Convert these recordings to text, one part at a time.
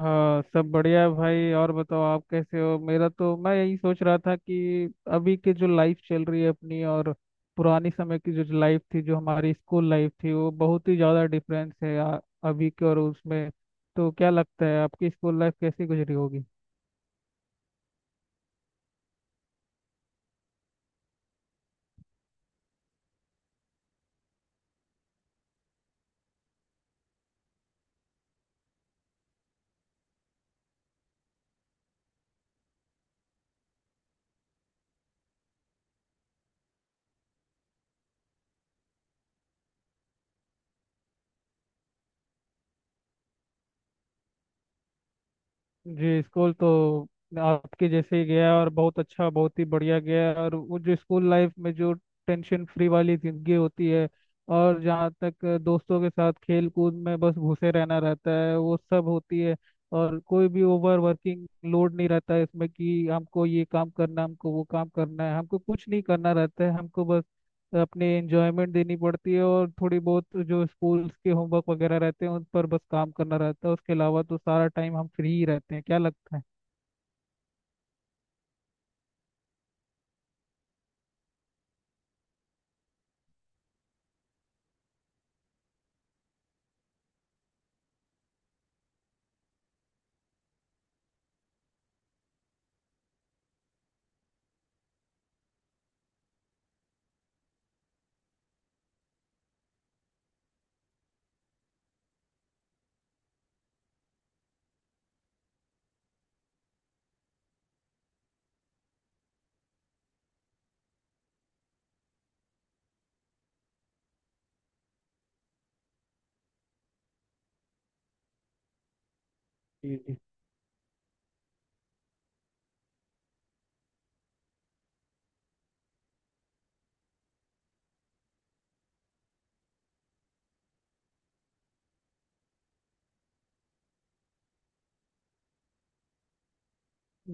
हाँ, सब बढ़िया है भाई। और बताओ आप कैसे हो। मेरा तो मैं यही सोच रहा था कि अभी की जो लाइफ चल रही है अपनी, और पुरानी समय की जो लाइफ थी, जो हमारी स्कूल लाइफ थी, वो बहुत ही ज़्यादा डिफरेंस है अभी के और उसमें। तो क्या लगता है, आपकी स्कूल लाइफ कैसी गुजरी होगी। जी, स्कूल तो आपके जैसे ही गया, और बहुत अच्छा, बहुत ही बढ़िया गया। और वो जो स्कूल लाइफ में जो टेंशन फ्री वाली जिंदगी होती है, और जहाँ तक दोस्तों के साथ खेल कूद में बस घुसे रहना रहता है, वो सब होती है। और कोई भी ओवर वर्किंग लोड नहीं रहता है इसमें कि हमको ये काम करना, हमको वो काम करना है। हमको कुछ नहीं करना रहता है, हमको बस अपनी एंजॉयमेंट देनी पड़ती है। और थोड़ी बहुत जो स्कूल्स के होमवर्क वगैरह रहते हैं, उन पर बस काम करना रहता है। उसके अलावा तो सारा टाइम हम फ्री ही रहते हैं। क्या लगता है। जी। जी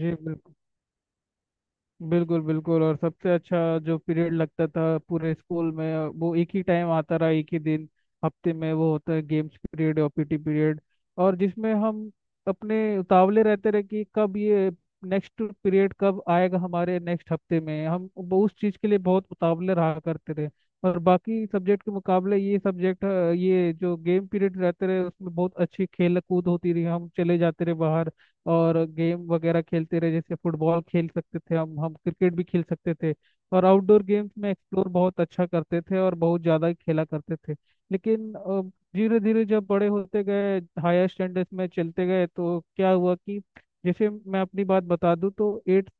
जी, बिल्कुल बिल्कुल बिल्कुल। और सबसे अच्छा जो पीरियड लगता था पूरे स्कूल में, वो एक ही टाइम आता रहा, एक ही दिन हफ्ते में, वो होता है गेम्स पीरियड और पीटी पीरियड। और जिसमें हम अपने उतावले रहते रहे कि कब ये नेक्स्ट पीरियड कब आएगा हमारे, नेक्स्ट हफ्ते में हम वो उस चीज़ के लिए बहुत उतावले रहा करते रहे। और बाकी सब्जेक्ट के मुकाबले ये सब्जेक्ट, ये जो गेम पीरियड रहते रहे, उसमें बहुत अच्छी खेल कूद होती रही। हम चले जाते रहे बाहर और गेम वगैरह खेलते रहे, जैसे फुटबॉल खेल सकते थे हम क्रिकेट भी खेल सकते थे। और आउटडोर गेम्स में एक्सप्लोर बहुत अच्छा करते थे, और बहुत ज़्यादा खेला करते थे। लेकिन धीरे धीरे जब बड़े होते गए, हायर स्टैंडर्ड्स में चलते गए, तो क्या हुआ कि जैसे मैं अपनी बात बता दूं तो एट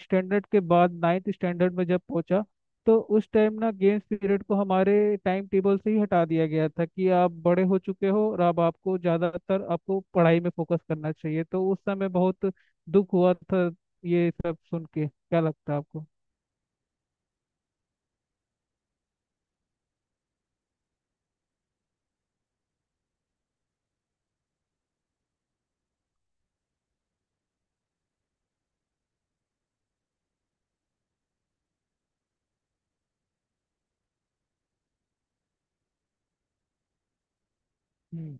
स्टैंडर्ड के बाद 9th स्टैंडर्ड में जब पहुंचा, तो उस टाइम ना गेम्स पीरियड को हमारे टाइम टेबल से ही हटा दिया गया था कि आप बड़े हो चुके हो और अब आपको ज़्यादातर आपको पढ़ाई में फोकस करना चाहिए। तो उस समय बहुत दुख हुआ था। ये सब सुन के क्या लगता है आपको। हम्म।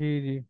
जी। जी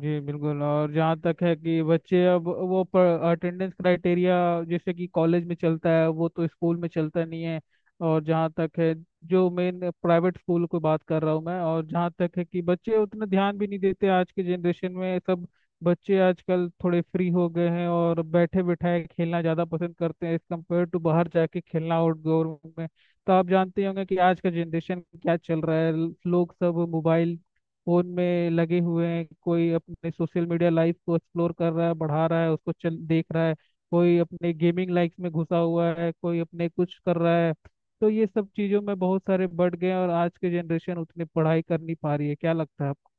जी, बिल्कुल। और जहाँ तक है कि बच्चे अब वो अटेंडेंस क्राइटेरिया, जैसे कि कॉलेज में चलता है, वो तो स्कूल में चलता नहीं है। और जहाँ तक है, जो मेन प्राइवेट स्कूल को बात कर रहा हूँ मैं, और जहाँ तक है कि बच्चे उतना ध्यान भी नहीं देते आज के जनरेशन में। सब बच्चे आजकल थोड़े फ्री हो गए हैं, और बैठे बैठाए खेलना ज़्यादा पसंद करते हैं, एज कम्पेयर टू बाहर जाके खेलना आउटडोर में। तो आप जानते ही होंगे कि आज का जनरेशन क्या चल रहा है। लोग सब मोबाइल फोन में लगे हुए हैं, कोई अपने सोशल मीडिया लाइफ को एक्सप्लोर कर रहा है, बढ़ा रहा है, उसको चल देख रहा है, कोई अपने गेमिंग लाइफ में घुसा हुआ है, कोई अपने कुछ कर रहा है। तो ये सब चीज़ों में बहुत सारे बढ़ गए हैं, और आज की जनरेशन उतनी पढ़ाई कर नहीं पा रही है। क्या लगता है आपको।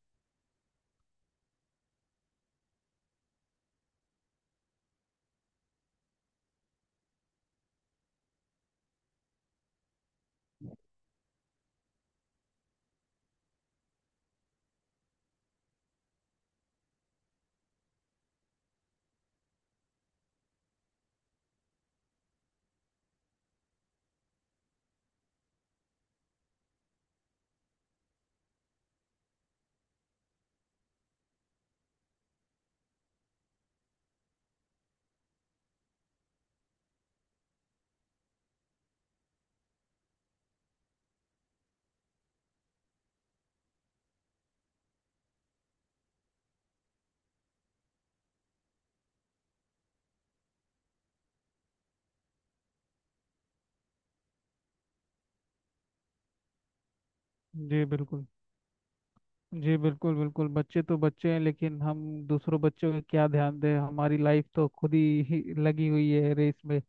जी बिल्कुल। जी बिल्कुल बिल्कुल। बच्चे तो बच्चे हैं, लेकिन हम दूसरों बच्चों का क्या ध्यान दें, हमारी लाइफ तो खुद ही लगी हुई है रेस में।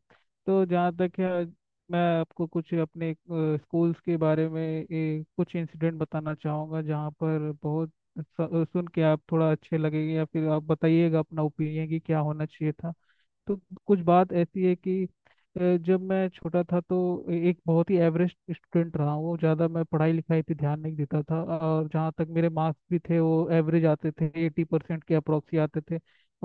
तो जहाँ तक है, मैं आपको कुछ अपने स्कूल्स के बारे में कुछ इंसिडेंट बताना चाहूँगा, जहाँ पर बहुत सुन के आप थोड़ा अच्छे लगेंगे, या फिर आप बताइएगा अपना ओपिनियन कि क्या होना चाहिए था। तो कुछ बात ऐसी है कि अ, जब मैं छोटा था तो एक बहुत ही एवरेज स्टूडेंट रहा हूँ। ज़्यादा मैं पढ़ाई लिखाई पे ध्यान नहीं देता था, और जहाँ तक मेरे मार्क्स भी थे, वो एवरेज आते थे, 80% के अप्रोक्सी आते थे।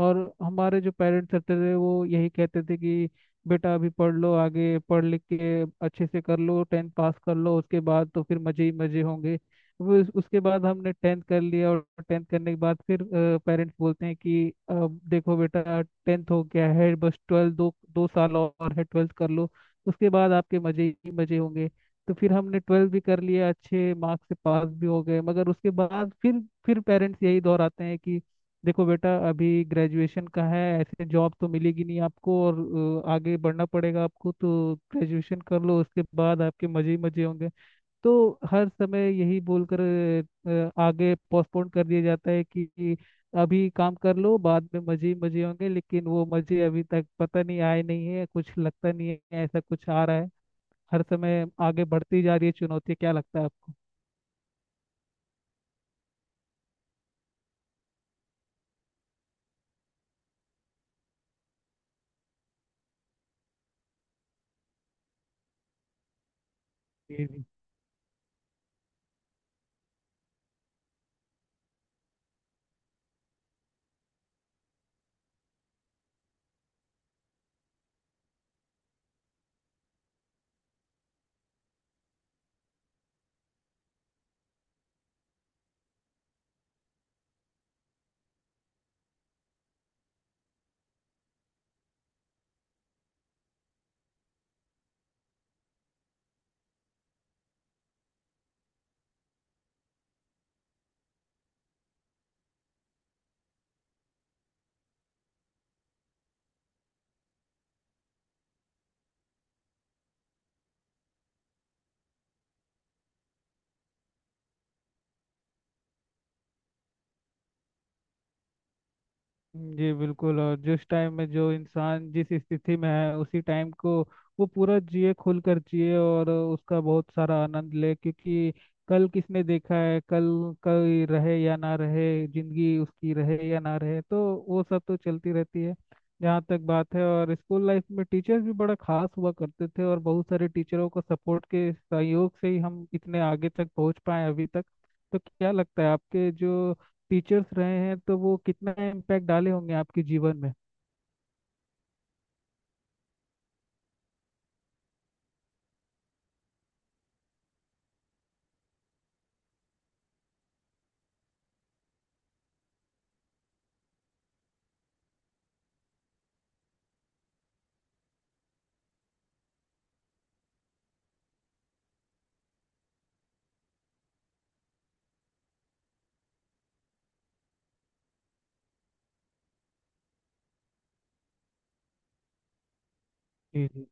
और हमारे जो पेरेंट्स रहते थे, वो यही कहते थे कि बेटा अभी पढ़ लो, आगे पढ़ लिख के अच्छे से कर लो, टेंथ पास कर लो, उसके बाद तो फिर मज़े ही मज़े होंगे। वो उसके बाद हमने टेंथ कर लिया, और टेंथ करने के बाद फिर पेरेंट्स बोलते हैं कि अब देखो बेटा टेंथ हो गया है, बस ट्वेल्थ, दो दो साल और है, ट्वेल्थ कर लो, उसके बाद आपके मजे ही मजे होंगे। तो फिर हमने ट्वेल्थ भी कर लिया, अच्छे मार्क्स से पास भी हो गए, मगर उसके बाद फिर पेरेंट्स यही दोहराते हैं कि देखो बेटा, अभी ग्रेजुएशन का है, ऐसे जॉब तो मिलेगी नहीं आपको, और आगे बढ़ना पड़ेगा आपको, तो ग्रेजुएशन कर लो, उसके बाद आपके मजे ही मजे होंगे। तो हर समय यही बोलकर आगे पोस्टपोन कर दिया जाता है कि अभी काम कर लो, बाद में मजे ही मजे होंगे, लेकिन वो मजे अभी तक पता नहीं आए नहीं है, कुछ लगता नहीं है ऐसा कुछ आ रहा है। हर समय आगे बढ़ती जा रही है चुनौती। क्या लगता है आपको। जी। जी बिल्कुल। और जिस टाइम में जो इंसान जिस स्थिति में है, उसी टाइम को वो पूरा जिए, खुल कर जिए, और उसका बहुत सारा आनंद ले, क्योंकि कल किसने देखा है, कल कल रहे या ना रहे, जिंदगी उसकी रहे या ना रहे, तो वो सब तो चलती रहती है। जहाँ तक बात है, और स्कूल लाइफ में टीचर्स भी बड़ा खास हुआ करते थे, और बहुत सारे टीचरों को सपोर्ट के सहयोग से ही हम इतने आगे तक पहुँच पाए अभी तक। तो क्या लगता है, आपके जो टीचर्स रहे हैं तो वो कितना इम्पैक्ट डाले होंगे आपके जीवन में। जी जी।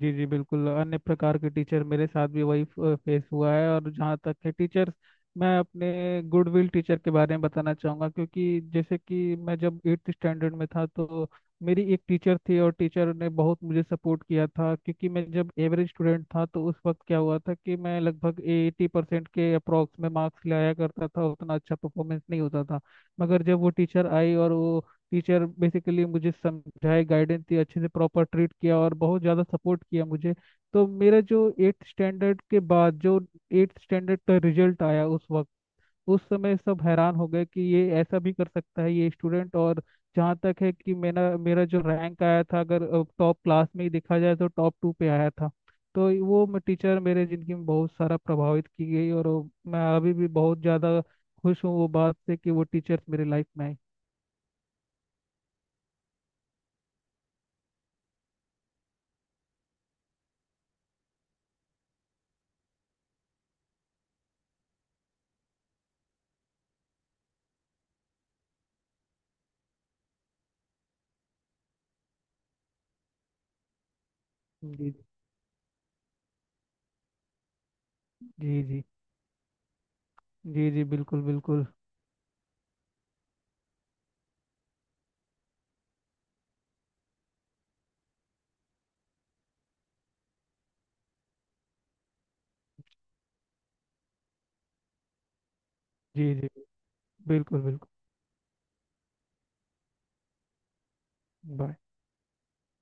जी जी, बिल्कुल। अन्य प्रकार के टीचर मेरे साथ भी वही फेस हुआ है। और जहाँ तक है टीचर्स, मैं अपने गुडविल टीचर के बारे में बताना चाहूँगा, क्योंकि जैसे कि मैं जब 8th स्टैंडर्ड में था, तो मेरी एक टीचर थी, और टीचर ने बहुत मुझे सपोर्ट किया था। क्योंकि मैं जब एवरेज स्टूडेंट था, तो उस वक्त क्या हुआ था कि मैं लगभग 80% के अप्रॉक्स में मार्क्स लाया करता था, उतना अच्छा परफॉर्मेंस नहीं होता था। मगर जब वो टीचर आई, और वो टीचर बेसिकली मुझे समझाए, गाइडेंस दी, अच्छे से प्रॉपर ट्रीट किया, और बहुत ज़्यादा सपोर्ट किया मुझे। तो मेरा जो 8th स्टैंडर्ड के बाद जो 8th स्टैंडर्ड का रिजल्ट आया उस वक्त, उस समय सब हैरान हो गए कि ये ऐसा भी कर सकता है ये स्टूडेंट। और जहाँ तक है कि मेरा मेरा जो रैंक आया था, अगर टॉप क्लास में ही देखा जाए, तो टॉप 2 पे आया था। तो वो टीचर मेरे जिंदगी में बहुत सारा प्रभावित की गई, और मैं अभी भी बहुत ज़्यादा खुश हूँ वो बात से कि वो टीचर्स मेरे लाइफ में आए। जी। जी जी। जी जी, बिल्कुल बिल्कुल। जी जी, बिल्कुल बिल्कुल। बाय।